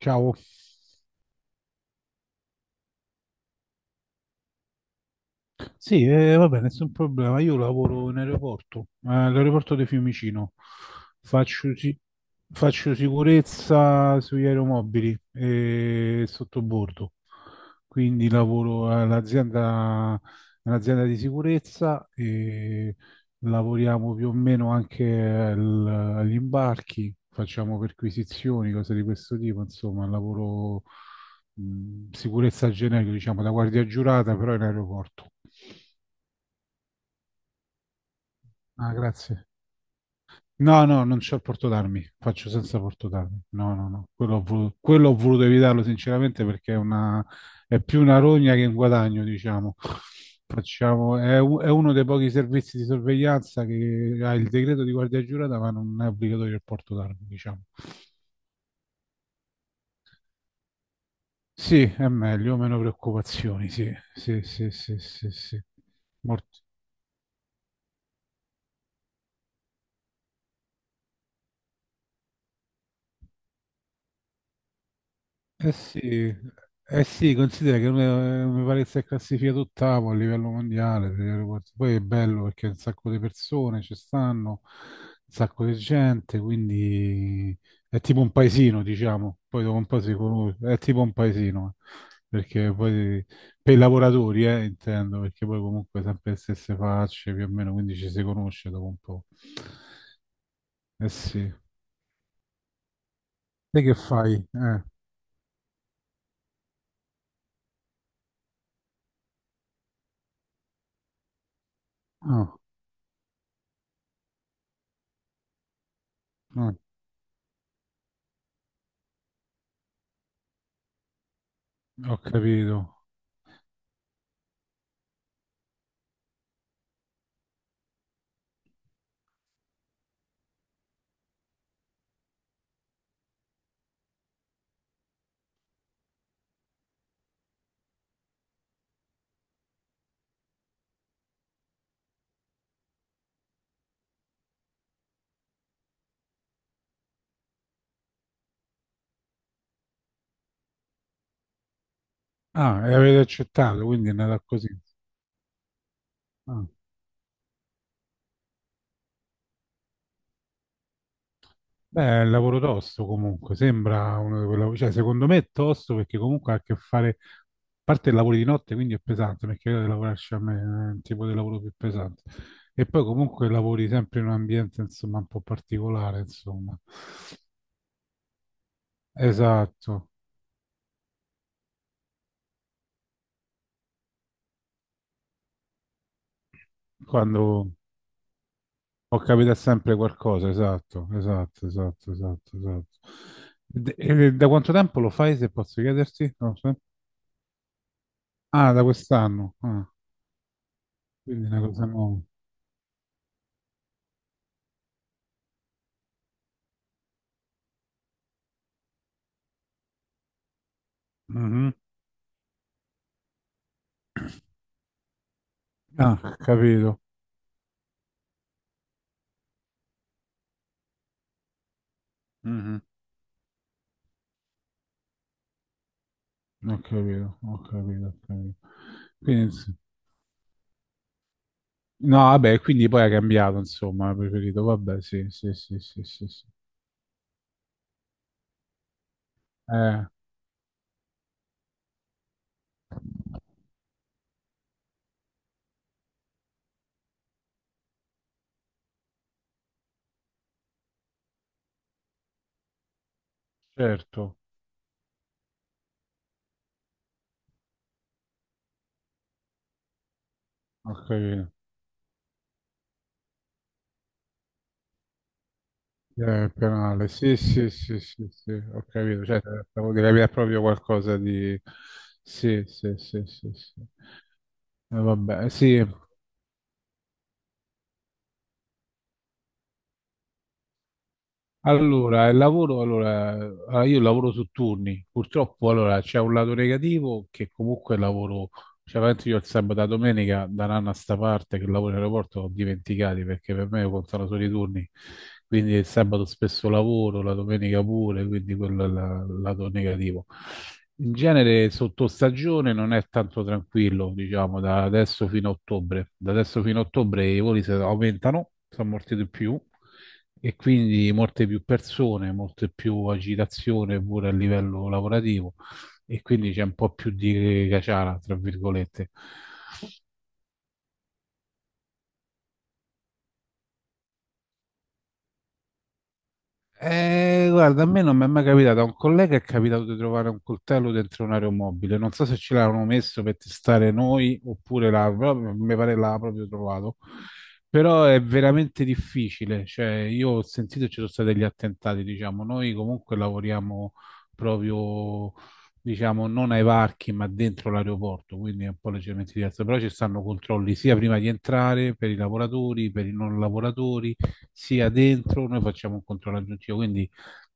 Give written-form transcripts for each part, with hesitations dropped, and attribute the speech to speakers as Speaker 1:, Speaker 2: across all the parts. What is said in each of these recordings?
Speaker 1: Ciao. Sì, vabbè, nessun problema. Io lavoro in aeroporto, all'aeroporto di Fiumicino. Faccio, si- Faccio sicurezza sugli aeromobili e sottobordo. Quindi lavoro all'azienda, all'azienda di sicurezza e lavoriamo più o meno agli imbarchi, facciamo perquisizioni, cose di questo tipo, insomma, lavoro sicurezza generica, diciamo, da guardia giurata, però in aeroporto. Ah, grazie. No, no, non c'ho il portodarmi, faccio senza portodarmi. No, no, no, quello ho voluto evitarlo sinceramente perché è una, è più una rogna che un guadagno, diciamo. È uno dei pochi servizi di sorveglianza che ha il decreto di guardia giurata, ma non è obbligatorio il portodarmi, diciamo. Sì, è meglio, meno preoccupazioni, sì, sì, sì, sì, sì, sì. Eh sì, eh sì, mi pare che sia classificato ottavo a livello mondiale, se riguardi- poi è bello perché un sacco di persone ci stanno, un sacco di gente, quindi è tipo un paesino, diciamo, poi dopo un po' si conosce, è tipo un paesino, perché poi per i lavoratori, intendo, perché poi comunque sempre le stesse facce, più o meno, quindi ci si conosce dopo un po'. Eh sì, te che fai? Ah, ah, ho capito. Ah, e avete accettato, quindi è andata così. Ah, beh, è un lavoro tosto comunque, sembra uno di quei lavori, cioè secondo me è tosto perché comunque ha a che fare, a parte il lavoro di notte, quindi è pesante, perché io devo lavorarci a me, è un tipo di lavoro più pesante. E poi comunque lavori sempre in un ambiente, insomma, un po' particolare, insomma. Esatto, quando ho capito sempre qualcosa, esatto, esatto, esatto, esatto, esatto. E da quanto tempo lo fai, se posso chiederti? No, sì? Ah, da quest'anno. Ah, quindi una cosa nuova. Mhm. Ah, ho capito. Mhm. Ho capito, ho capito, ho capito. Quindi, ins- no, vabbè, quindi poi ha cambiato, insomma, ha preferito. Vabbè, sì, sì, sì, sì, sì, sì. Eh, certo, ho capito. Il penale, sì, sì, sì, sì, sì, ho capito. Cioè, stavo di capire proprio qualcosa di... Sì, sì, sì, sì, sì. Vabbè, sì, allora, il lavoro, allora, allora, io lavoro su turni, purtroppo allora, c'è un lato negativo che comunque è lavoro cioè, veramente io il sabato e la domenica, da un anno a sta parte che lavoro in aeroporto, ho dimenticati perché per me contano solo i turni. Quindi il sabato spesso lavoro, la domenica pure, quindi quello è lato negativo. In genere sotto stagione non è tanto tranquillo, diciamo, da adesso fino a ottobre. Da adesso fino a ottobre i voli si aumentano, sono molti di più e quindi molte più persone, molte più agitazione pure a livello lavorativo e quindi c'è un po' più di caciara, tra virgolette. Guarda, a me non mi è mai capitato. A un collega è capitato di trovare un coltello dentro un aeromobile. Non so se ce l'avevano messo per testare noi oppure là, però mi pare l'ha proprio trovato. Però è veramente difficile. Cioè, io ho sentito che ci sono stati degli attentati, diciamo. Noi comunque lavoriamo proprio, diciamo, non ai varchi, ma dentro l'aeroporto, quindi è un po' leggermente diverso. Però ci stanno controlli sia prima di entrare per i lavoratori, per i non lavoratori sia dentro, noi facciamo un controllo aggiuntivo, quindi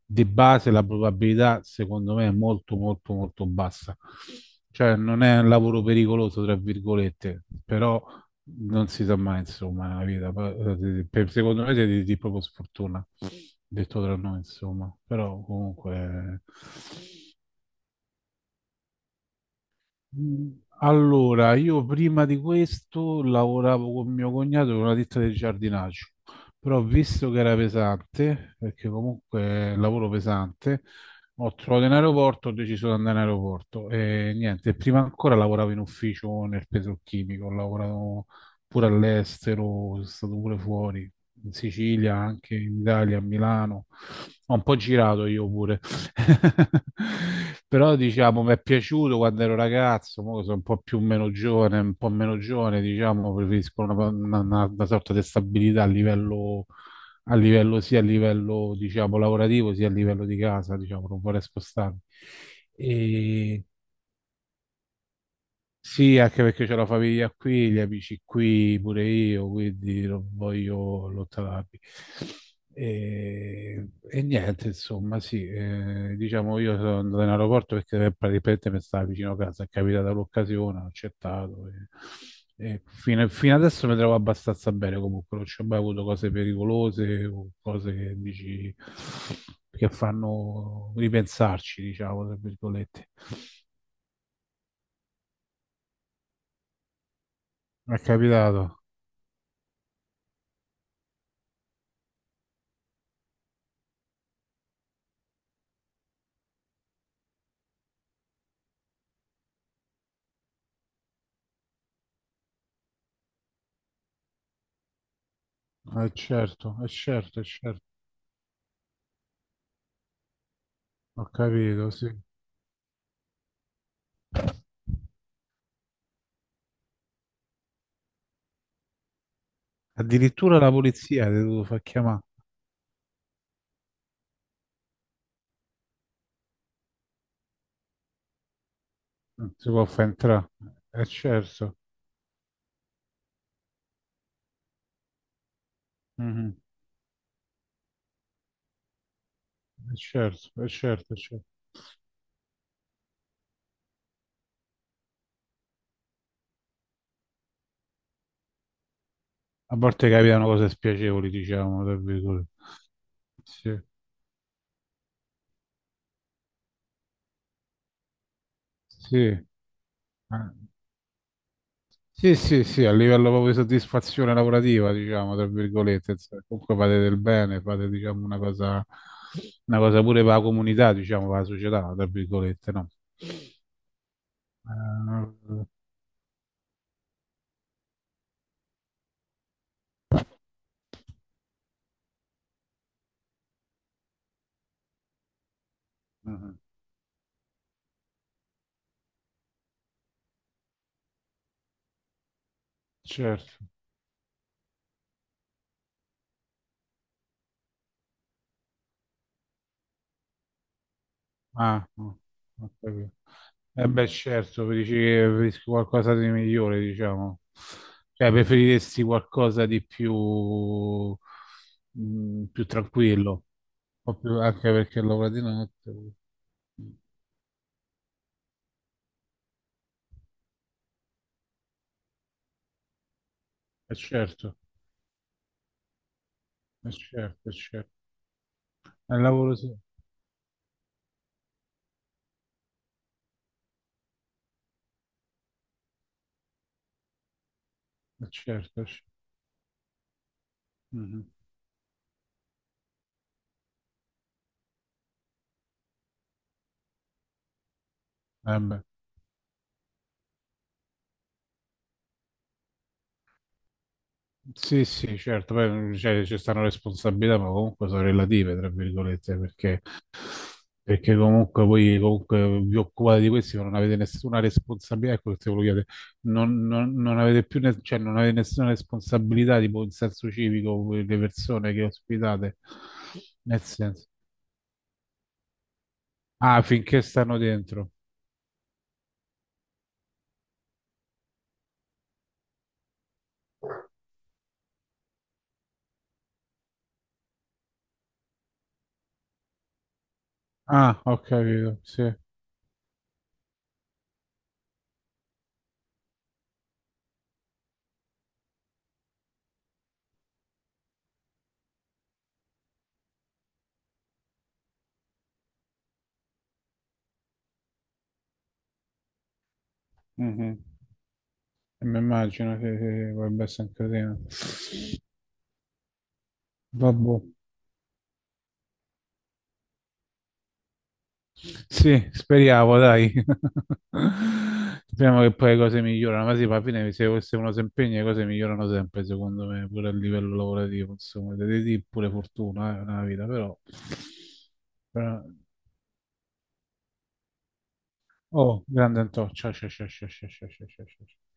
Speaker 1: di base la probabilità secondo me è molto molto molto bassa. Cioè non è un lavoro pericoloso, tra virgolette, però non si sa mai, insomma, la vita. Secondo me siete di proprio sfortuna, detto tra noi, insomma, però comunque Mm, allora, io prima di questo lavoravo con mio cognato in una ditta di giardinaggio, però visto che era pesante, perché comunque è un lavoro pesante, ho trovato in aeroporto, ho deciso di andare in aeroporto e niente, prima ancora lavoravo in ufficio nel petrolchimico, ho lavorato pure all'estero, sono stato pure fuori, in Sicilia, anche in Italia, a Milano, ho un po' girato io pure. Però diciamo, mi è piaciuto quando ero ragazzo, mo che sono un po' più meno giovane, un po' meno giovane, diciamo, preferisco una sorta di stabilità a livello, sia a livello, diciamo, lavorativo, sia a livello di casa, diciamo, non vorrei spostarmi. E sì, anche perché c'ho la famiglia qui, gli amici qui, pure io, quindi non voglio lottarmi. E niente, insomma, sì, diciamo io sono andato in aeroporto perché praticamente mi stava vicino a casa, è capitata l'occasione, ho accettato. E fino adesso mi trovo abbastanza bene comunque, non ci ho mai avuto cose pericolose o cose che dici che fanno ripensarci, diciamo, tra virgolette. Mi è capitato. Eh certo, eh certo, eh certo, ho capito, sì. Addirittura la polizia ti devo far chiamare, non si può far entrare. Eh certo, mhm, eh certo, eh certo, eh certo. A volte capitano cose spiacevoli, diciamo, tra virgolette. Sì, sì, eh. Sì, sì, sì, a livello proprio di soddisfazione lavorativa, diciamo, tra virgolette, insomma, comunque fate del bene, fate, diciamo, una cosa pure per la comunità, diciamo, per la società, tra virgolette, no? Eh, mhm, certo. Ah, no, ho capito. Eh beh, certo, dici che preferisci qualcosa di migliore, diciamo. Cioè, preferiresti qualcosa di più, mm, più tranquillo, o più- anche perché lavora di notte. È certo, è certo, è certo. È il lavoro, sì, è certo, è certo. Mhm. Eh beh, sì, sì, certo, poi cioè, ci stanno responsabilità, ma comunque sono relative, tra virgolette, perché perché comunque voi comunque vi occupate di questi, ma non avete nessuna responsabilità, ecco che se volevo chiedere, non avete più, cioè non avete nessuna responsabilità, tipo in senso civico, voi, le persone che ospitate, nel senso, ah, finché stanno dentro. Ah, ho capito, sì. Mhm. E mi immagino che potrebbe essere un casino. Vabbè. Sì, speriamo, dai. Speriamo che poi le cose migliorano, ma sì, alla fine se uno si impegna le cose migliorano sempre, secondo me, pure a livello lavorativo, insomma, deve dire pure fortuna, nella vita, però... però- Oh, grande Antonio, ciao, ciao, ciao, ciao, ciao, ciao, ciao, ciao, ciao.